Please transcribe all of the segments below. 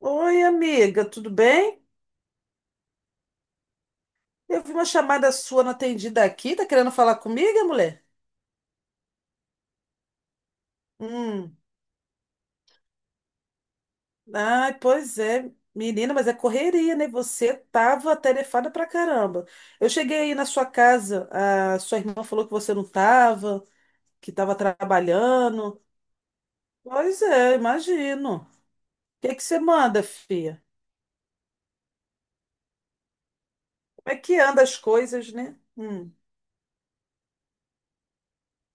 Oi, amiga, tudo bem? Eu vi uma chamada sua não atendida aqui. Tá querendo falar comigo, mulher? Hum. Ai, pois é, menina, mas é correria, né? Você tava tarefada pra caramba. Eu cheguei aí na sua casa, a sua irmã falou que você não tava, que tava trabalhando. Pois é, imagino. O que é que você manda, filha? Como é que anda as coisas, né?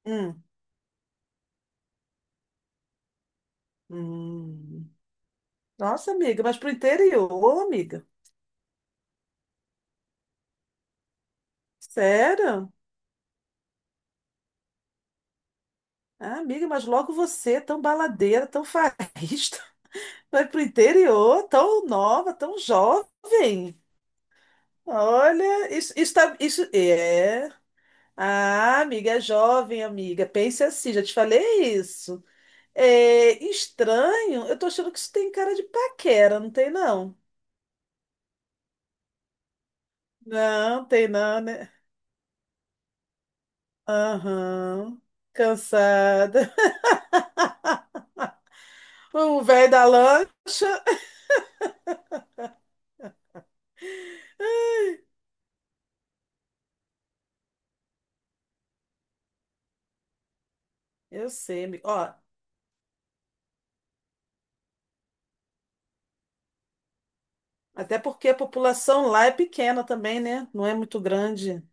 hum, hum. Nossa, amiga, mas pro interior, amiga? Sério? Ah, amiga, mas logo você, tão baladeira, tão farrista, vai pro interior, tão nova, tão jovem. Olha, isso tá, isso é. Ah, amiga, é jovem, amiga. Pense assim, já te falei isso. É estranho, eu tô achando que isso tem cara de paquera, não tem não? Não, tem não, né? Aham. Cansada. O velho da lã. Eu sei, amiga. Ó, até porque a população lá é pequena também, né? Não é muito grande.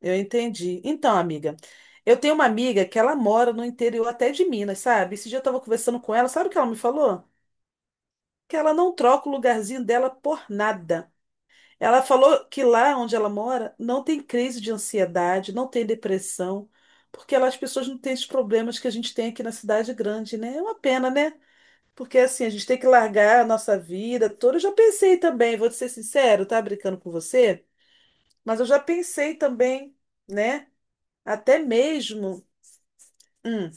Eu entendi. Então, amiga, eu tenho uma amiga que ela mora no interior até de Minas, sabe? Esse dia eu estava conversando com ela, sabe o que ela me falou? Que ela não troca o lugarzinho dela por nada. Ela falou que lá onde ela mora não tem crise de ansiedade, não tem depressão, porque lá as pessoas não têm os problemas que a gente tem aqui na cidade grande, né? É uma pena, né? Porque assim, a gente tem que largar a nossa vida toda. Eu já pensei também, vou te ser sincero, tá brincando com você, mas eu já pensei também, né? Até mesmo. Hum.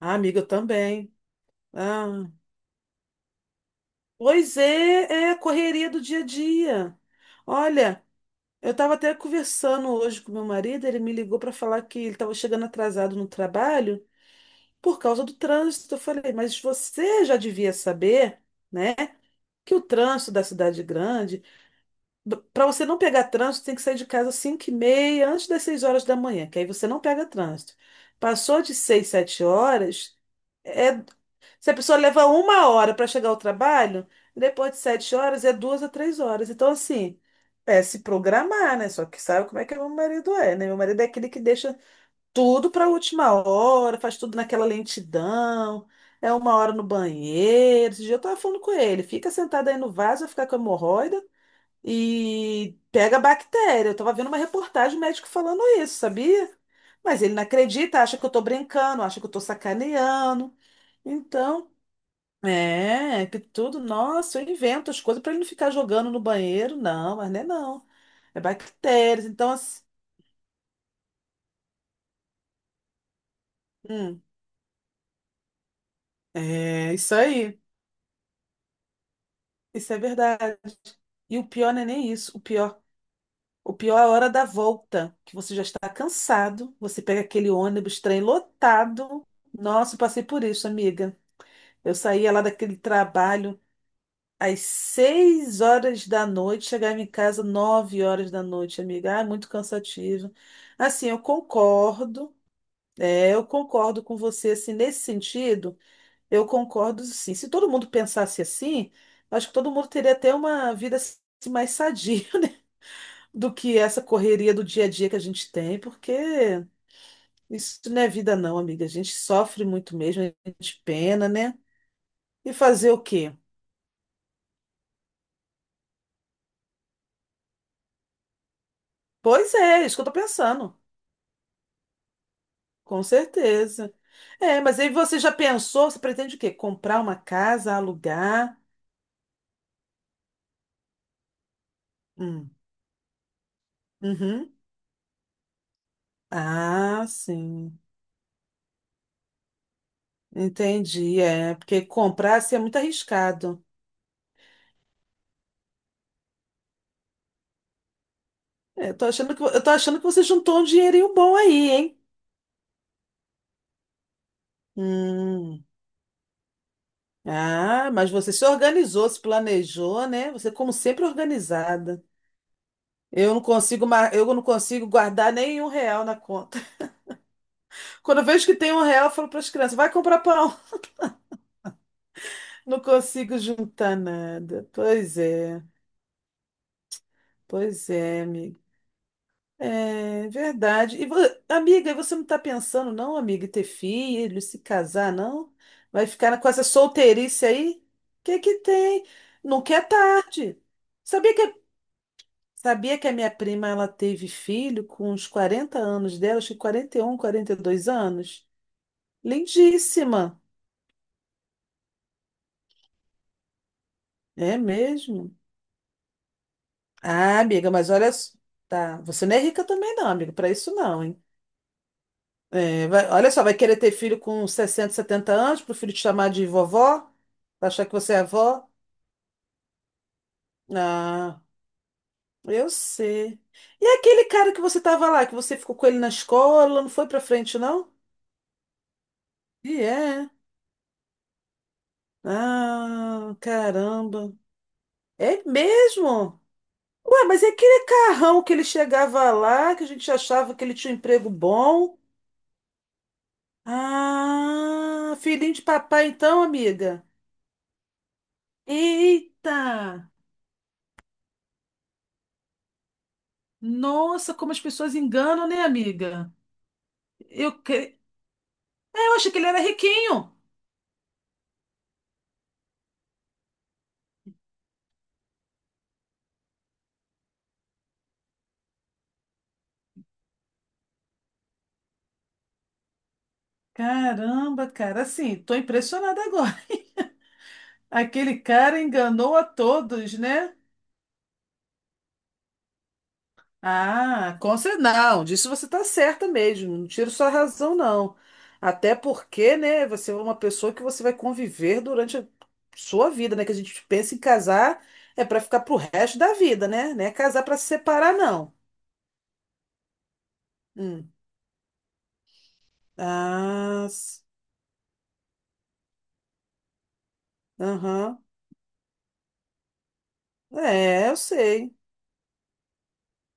Ah, amiga, eu também. Ah. Pois é, é a correria do dia a dia. Olha, eu estava até conversando hoje com meu marido, ele me ligou para falar que ele estava chegando atrasado no trabalho por causa do trânsito. Eu falei, mas você já devia saber, né, que o trânsito da cidade é grande. Para você não pegar trânsito, tem que sair de casa às 5h30, antes das 6 horas da manhã, que aí você não pega trânsito. Passou de 6 7 horas, é, se a pessoa leva uma hora para chegar ao trabalho, depois de 7 horas é 2 a 3 horas. Então, assim, é se programar, né? Só que sabe como é que meu marido é, né? Meu marido é aquele que deixa tudo para a última hora, faz tudo naquela lentidão. É uma hora no banheiro. Esse dia eu tava falando com ele, fica sentado aí no vaso, vai ficar com hemorroida e pega bactéria. Eu tava vendo uma reportagem médico falando isso, sabia? Mas ele não acredita, acha que eu tô brincando, acha que eu tô sacaneando. Então, é, que tudo, nossa, eu invento as coisas pra ele não ficar jogando no banheiro, não, mas não é não. É bactérias, então assim, hum, é isso aí, isso é verdade. E o pior não é nem isso, o pior é a hora da volta, que você já está cansado, você pega aquele ônibus, trem lotado. Nossa, eu passei por isso, amiga. Eu saía lá daquele trabalho às 6 horas da noite, chegava em casa 9 horas da noite, amiga. Ah, muito cansativo. Assim, eu concordo, é, eu concordo com você, assim, nesse sentido, eu concordo, sim. Se todo mundo pensasse assim, acho que todo mundo teria até uma vida assim, mais sadia do que essa correria do dia a dia que a gente tem, porque isso não é vida, não, amiga. A gente sofre muito mesmo, a gente pena, né? E fazer o quê? Pois é, é isso que eu tô pensando, com certeza. É, mas aí você já pensou, você pretende o quê? Comprar uma casa, alugar? Hum. Uhum. Ah, sim. Entendi, é, porque comprar assim é muito arriscado. É, eu tô achando que, eu tô achando que você juntou um dinheirinho bom aí, hein? Hum. Ah, mas você se organizou, se planejou, né? Você, como sempre, organizada. Eu não consigo guardar nem um real na conta. Quando eu vejo que tem um real, eu falo para as crianças, vai comprar pão. Não consigo juntar nada. Pois é, amiga. É verdade. Amiga, e você não está pensando, não, amiga, em ter filho, se casar, não? Vai ficar com essa solteirice aí? O que que tem? Nunca é tarde. Sabia que Sabia que a minha prima ela teve filho com uns 40 anos dela, acho que 41, 42 anos? Lindíssima, é mesmo? Ah, amiga, mas olha, tá, você não é rica também não, amiga, para isso não, hein? É, olha só, vai querer ter filho com 60, 70 anos, pro filho te chamar de vovó? Pra achar que você é avó? Ah, eu sei. E aquele cara que você tava lá, que você ficou com ele na escola, não foi pra frente, não? E é. Ah, caramba. É mesmo? Ué, mas é aquele carrão que ele chegava lá, que a gente achava que ele tinha um emprego bom. Ah, filhinho de papai, então, amiga. Eita! Nossa, como as pessoas enganam, né, amiga? Eu, cre- É, eu achei que ele era riquinho. Caramba, cara, assim, tô impressionada agora. Aquele cara enganou a todos, né? Ah, com certeza. Não, disso você está certa mesmo. Não tiro sua razão, não. Até porque, né, você é uma pessoa que você vai conviver durante a sua vida, né? Que a gente pensa em casar é para ficar pro resto da vida, né? Não é casar para se separar, não. Hum. Ah, aham. É, eu sei.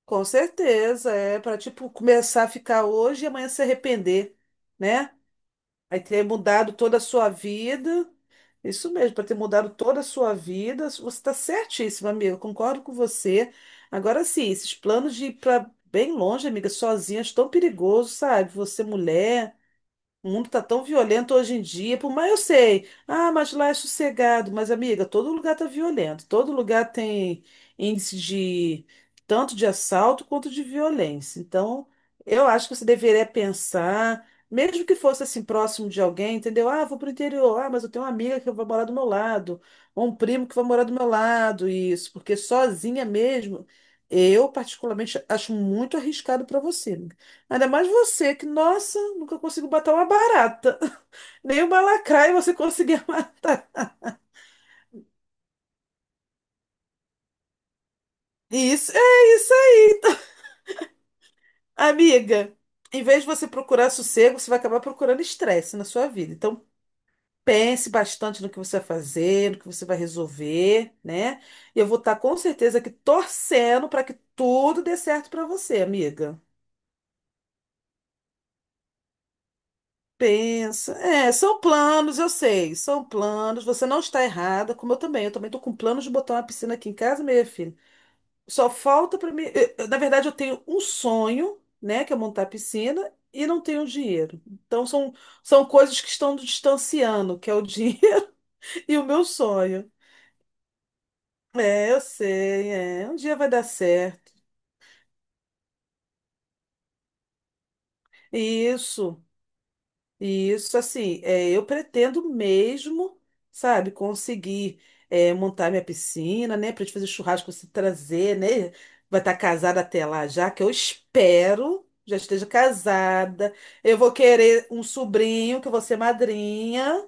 Com certeza. É para, tipo, começar a ficar hoje e amanhã se arrepender, né? Aí ter mudado toda a sua vida. Isso mesmo, para ter mudado toda a sua vida. Você está certíssima, amiga. Eu concordo com você. Agora sim, esses planos de ir para bem longe, amiga, sozinha, acho tão perigoso, sabe? Você mulher. O mundo tá tão violento hoje em dia, por mais eu sei. Ah, mas lá é sossegado. Mas, amiga, todo lugar tá violento. Todo lugar tem índice de tanto de assalto quanto de violência. Então, eu acho que você deveria pensar, mesmo que fosse assim próximo de alguém, entendeu? Ah, vou pro interior. Ah, mas eu tenho uma amiga que vai morar do meu lado, ou um primo que vai morar do meu lado, isso, porque sozinha mesmo, eu particularmente acho muito arriscado para você. Ainda mais você, que, nossa, nunca consigo matar uma barata. Nem uma lacraia você conseguia matar. Isso, é isso aí, amiga. Em vez de você procurar sossego, você vai acabar procurando estresse na sua vida. Então, pense bastante no que você vai fazer, no que você vai resolver, né? E eu vou estar com certeza aqui torcendo para que tudo dê certo para você, amiga. Pensa. É, são planos, eu sei, são planos. Você não está errada, como eu também. Eu também estou com planos de botar uma piscina aqui em casa, minha filha. Só falta para mim. Na verdade, eu tenho um sonho, né, que é montar a piscina, e não tenho dinheiro. Então, são coisas que estão nos distanciando, que é o dinheiro e o meu sonho. É, eu sei, é. Um dia vai dar certo. Isso. E isso, assim, é, eu pretendo mesmo, sabe, conseguir é, montar minha piscina, né, pra gente fazer churrasco, se trazer, né, vai estar casada até lá já, que eu espero já esteja casada. Eu vou querer um sobrinho, que eu vou ser madrinha.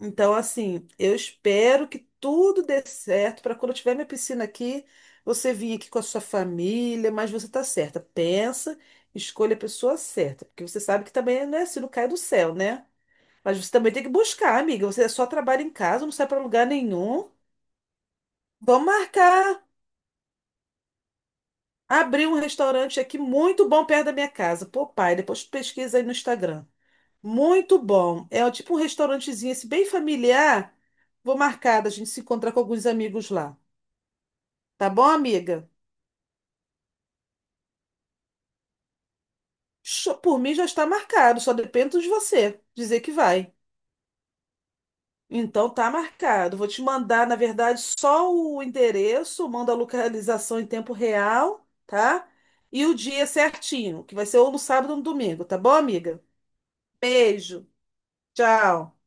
Então, assim, eu espero que tudo dê certo para quando eu tiver minha piscina aqui, você vir aqui com a sua família, mas você tá certa. Pensa, escolha a pessoa certa, porque você sabe que também não é assim, não cai do céu, né? Mas você também tem que buscar, amiga. Você só trabalha em casa, não sai para lugar nenhum. Vamos marcar, abrir um restaurante aqui muito bom perto da minha casa. Pô, pai, depois pesquisa aí no Instagram. Muito bom. É tipo um restaurantezinho esse bem familiar. Vou marcar, a gente se encontra com alguns amigos lá. Tá bom, amiga? Por mim já está marcado, só depende de você dizer que vai. Então tá marcado. Vou te mandar, na verdade, só o endereço, mando a localização em tempo real, tá? E o dia certinho, que vai ser ou no sábado ou no domingo, tá bom, amiga? Beijo. Tchau.